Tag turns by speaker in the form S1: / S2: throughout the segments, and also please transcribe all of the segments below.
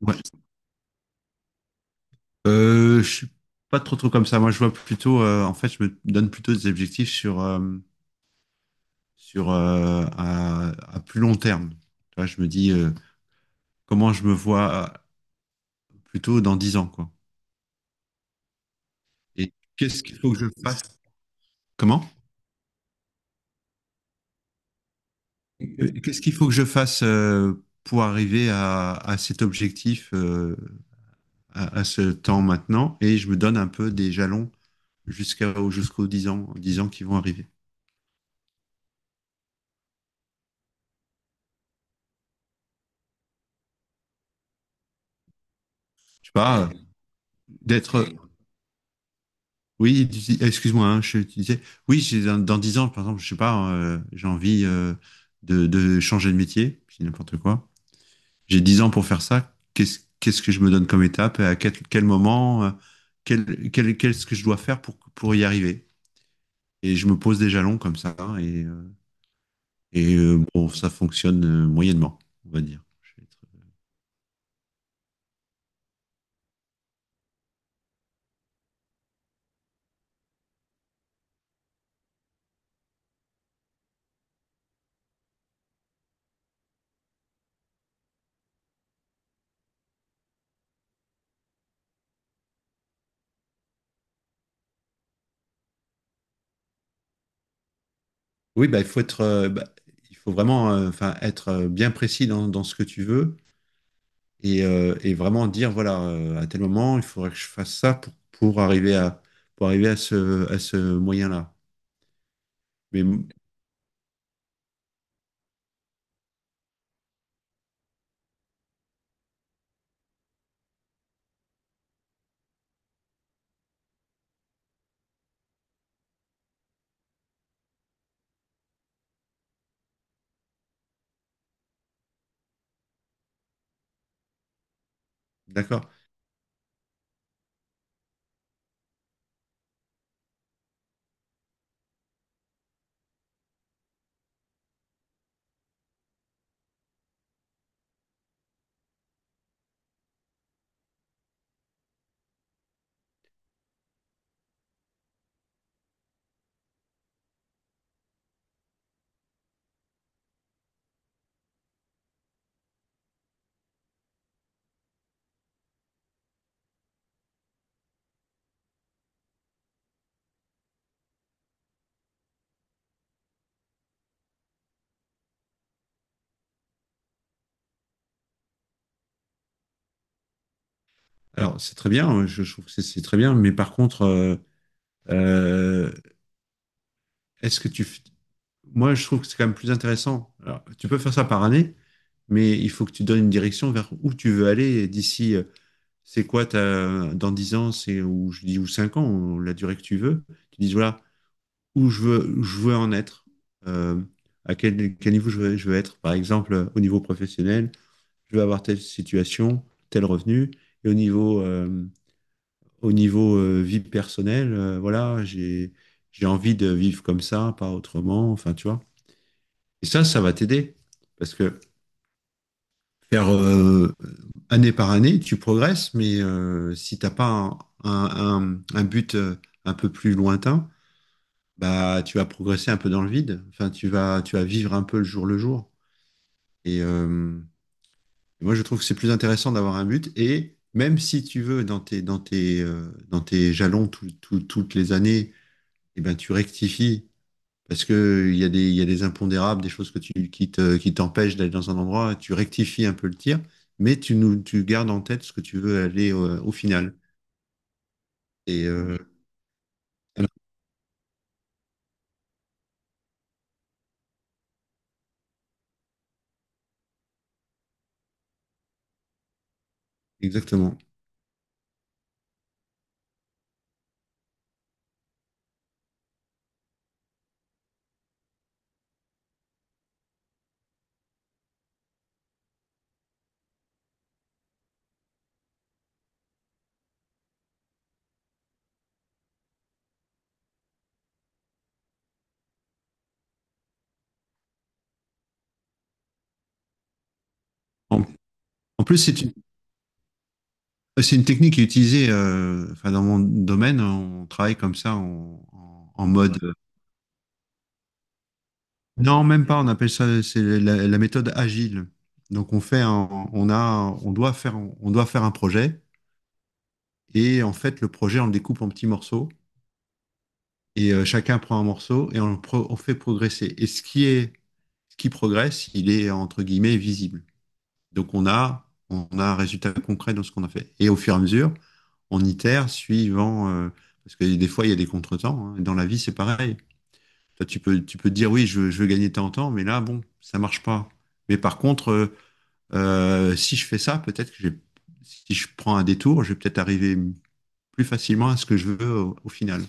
S1: Ouais. Je suis pas trop trop comme ça. Moi, je vois plutôt, en fait, je me donne plutôt des objectifs sur à plus long terme. Tu vois, je me dis comment je me vois plutôt dans 10 ans, quoi. Et qu'est-ce qu'il faut que je fasse? Comment? Qu'est-ce qu'il faut que je fasse pour arriver à cet objectif, à ce temps maintenant? Et je me donne un peu des jalons jusqu'aux 10 ans, 10 ans qui vont arriver. Je sais pas, d'être. Oui, excuse-moi, hein, je, tu disais, oui, dans, dans 10 ans, par exemple, je sais pas, hein, j'ai envie de changer de métier, je n'importe quoi. J'ai 10 ans pour faire ça. Qu'est-ce que je me donne comme étape? À quel, quel moment? Quel, qu'est-ce que je dois faire pour y arriver? Et je me pose des jalons comme ça, hein, et bon, ça fonctionne moyennement, on va dire. Je vais Oui, bah, il faut être, bah, il faut vraiment, enfin, être bien précis dans, dans ce que tu veux et vraiment dire, voilà, à tel moment, il faudrait que je fasse ça pour arriver à ce moyen-là. Mais m- d'accord. Alors, c'est très bien, hein, je trouve que c'est très bien, mais par contre, euh, est-ce que Moi, je trouve que c'est quand même plus intéressant. Alors, tu peux faire ça par année, mais il faut que tu donnes une direction vers où tu veux aller d'ici, c'est quoi ta, dans 10 ans, c'est ou je dis ou 5 ans, ou la durée que tu veux. Tu dis voilà, où je veux en être, euh, à quel, quel niveau je veux être. Par exemple, au niveau professionnel, je veux avoir telle situation, tel revenu, et au niveau, vie personnelle, voilà, j'ai envie de vivre comme ça, pas autrement, enfin, tu vois. Et ça va t'aider, parce que faire année par année, tu progresses, mais si t'as pas un, un, un but un peu plus lointain, bah, tu vas progresser un peu dans le vide. Enfin, tu vas vivre un peu le jour le jour. Et moi, je trouve que c'est plus intéressant d'avoir un but. Et même si tu veux, dans tes, dans tes, dans tes jalons toutes les années, eh ben, tu rectifies. Parce que il y a des, il y a des impondérables, des choses que tu, qui te, qui t'empêchent d'aller dans un endroit. Tu rectifies un peu le tir, mais tu, nous, tu gardes en tête ce que tu veux aller au final. Et voilà, exactement. En, en plus, c'est une. C'est une technique qui est utilisée, enfin, dans mon domaine, on travaille comme ça en, en mode. Non, même pas, on appelle ça c'est la, la méthode agile. Donc on fait on a, on doit faire un projet et en fait le projet on le découpe en petits morceaux et chacun prend un morceau et on, le on fait progresser. Et ce qui est, ce qui progresse, il est entre guillemets visible. Donc on a un résultat concret dans ce qu'on a fait. Et au fur et à mesure, on itère suivant. Parce que des fois, il y a des contretemps, hein. Dans la vie, c'est pareil. Toi, tu peux te dire, oui, je, je veux gagner tant en temps, mais là, bon, ça marche pas. Mais par contre, si je fais ça, peut-être que si je prends un détour, je vais peut-être arriver plus facilement à ce que je veux au, au final.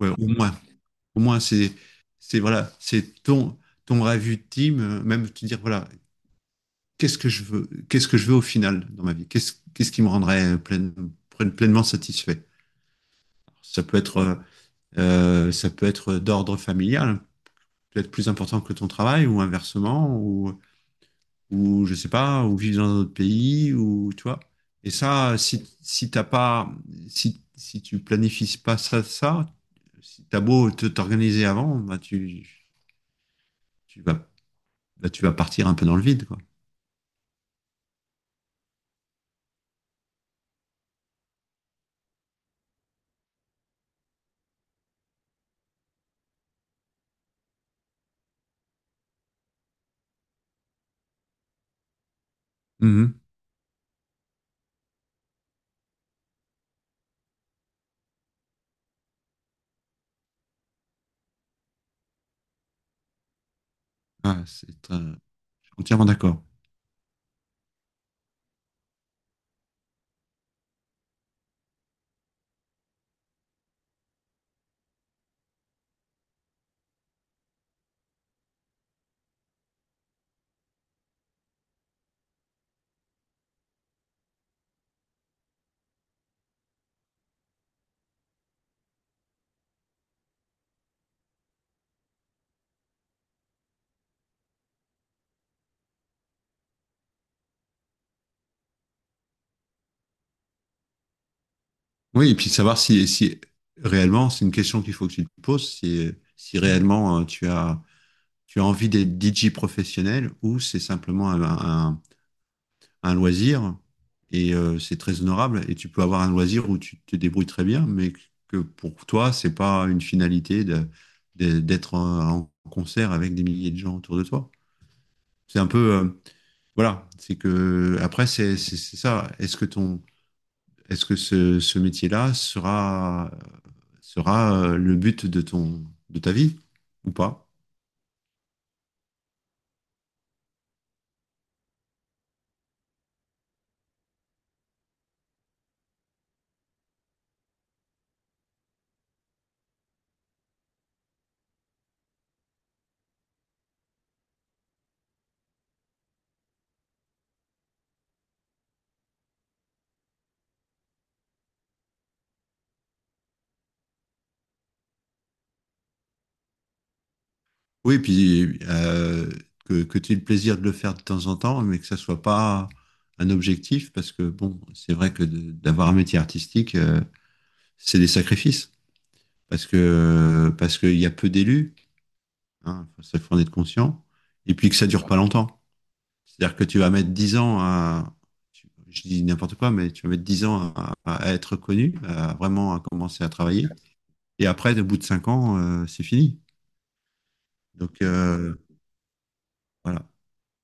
S1: Ouais, au moins, c'est voilà, c'est ton, ton rêve ultime, même te dire, voilà, qu'est-ce que je veux, qu'est-ce que je veux au final dans ma vie? Qu'est-ce qui me rendrait pleinement satisfait? Ça peut être euh, ça peut être d'ordre familial, peut-être plus important que ton travail ou inversement, ou je sais pas, ou vivre dans un autre pays, ou tu vois. Et ça, si, si t'as pas, si, si tu planifies pas ça, ça, si t'as beau t'organiser avant, bah tu, tu vas, bah, tu vas partir un peu dans le vide, quoi. Mhm. Ah c'est, je suis entièrement d'accord. Oui, et puis savoir si, si réellement, c'est une question qu'il faut que tu te poses, si, si réellement tu as envie d'être DJ professionnel ou c'est simplement un, un- un loisir et c'est très honorable et tu peux avoir un loisir où tu te débrouilles très bien, mais que pour toi, c'est pas une finalité d'être en, en concert avec des milliers de gens autour de toi. C'est un peu, voilà, c'est que après, c'est ça. Est-ce que ton, est-ce que ce métier-là sera, sera le but de ton, de ta vie ou pas? Oui, puis que tu aies le plaisir de le faire de temps en temps, mais que ça soit pas un objectif, parce que bon, c'est vrai que d'avoir un métier artistique, c'est des sacrifices, parce que parce qu'il y a peu d'élus, hein, ça faut en être conscient, et puis que ça dure pas longtemps. C'est-à-dire que tu vas mettre 10 ans à, je dis n'importe quoi, mais tu vas mettre 10 ans à être connu, à vraiment à commencer à travailler, et après, au bout de 5 ans, c'est fini. Donc voilà.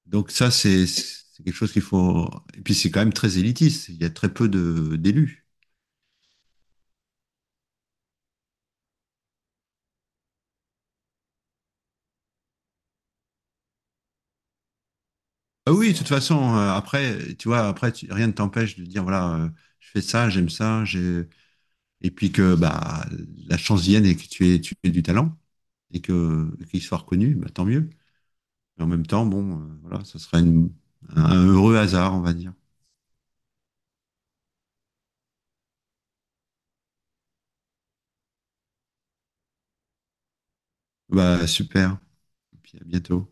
S1: Donc ça, c'est quelque chose qu'il faut. Et puis c'est quand même très élitiste. Il y a très peu de d'élus. Ah oui, de toute façon, après, tu vois, après, rien ne t'empêche de dire voilà, je fais ça, j'aime ça, et puis que bah la chance vienne et que tu aies du talent et que qu'il soit reconnu, bah, tant mieux. Mais en même temps, bon, voilà, ça sera un heureux hasard, on va dire. Bah super. Et puis à bientôt.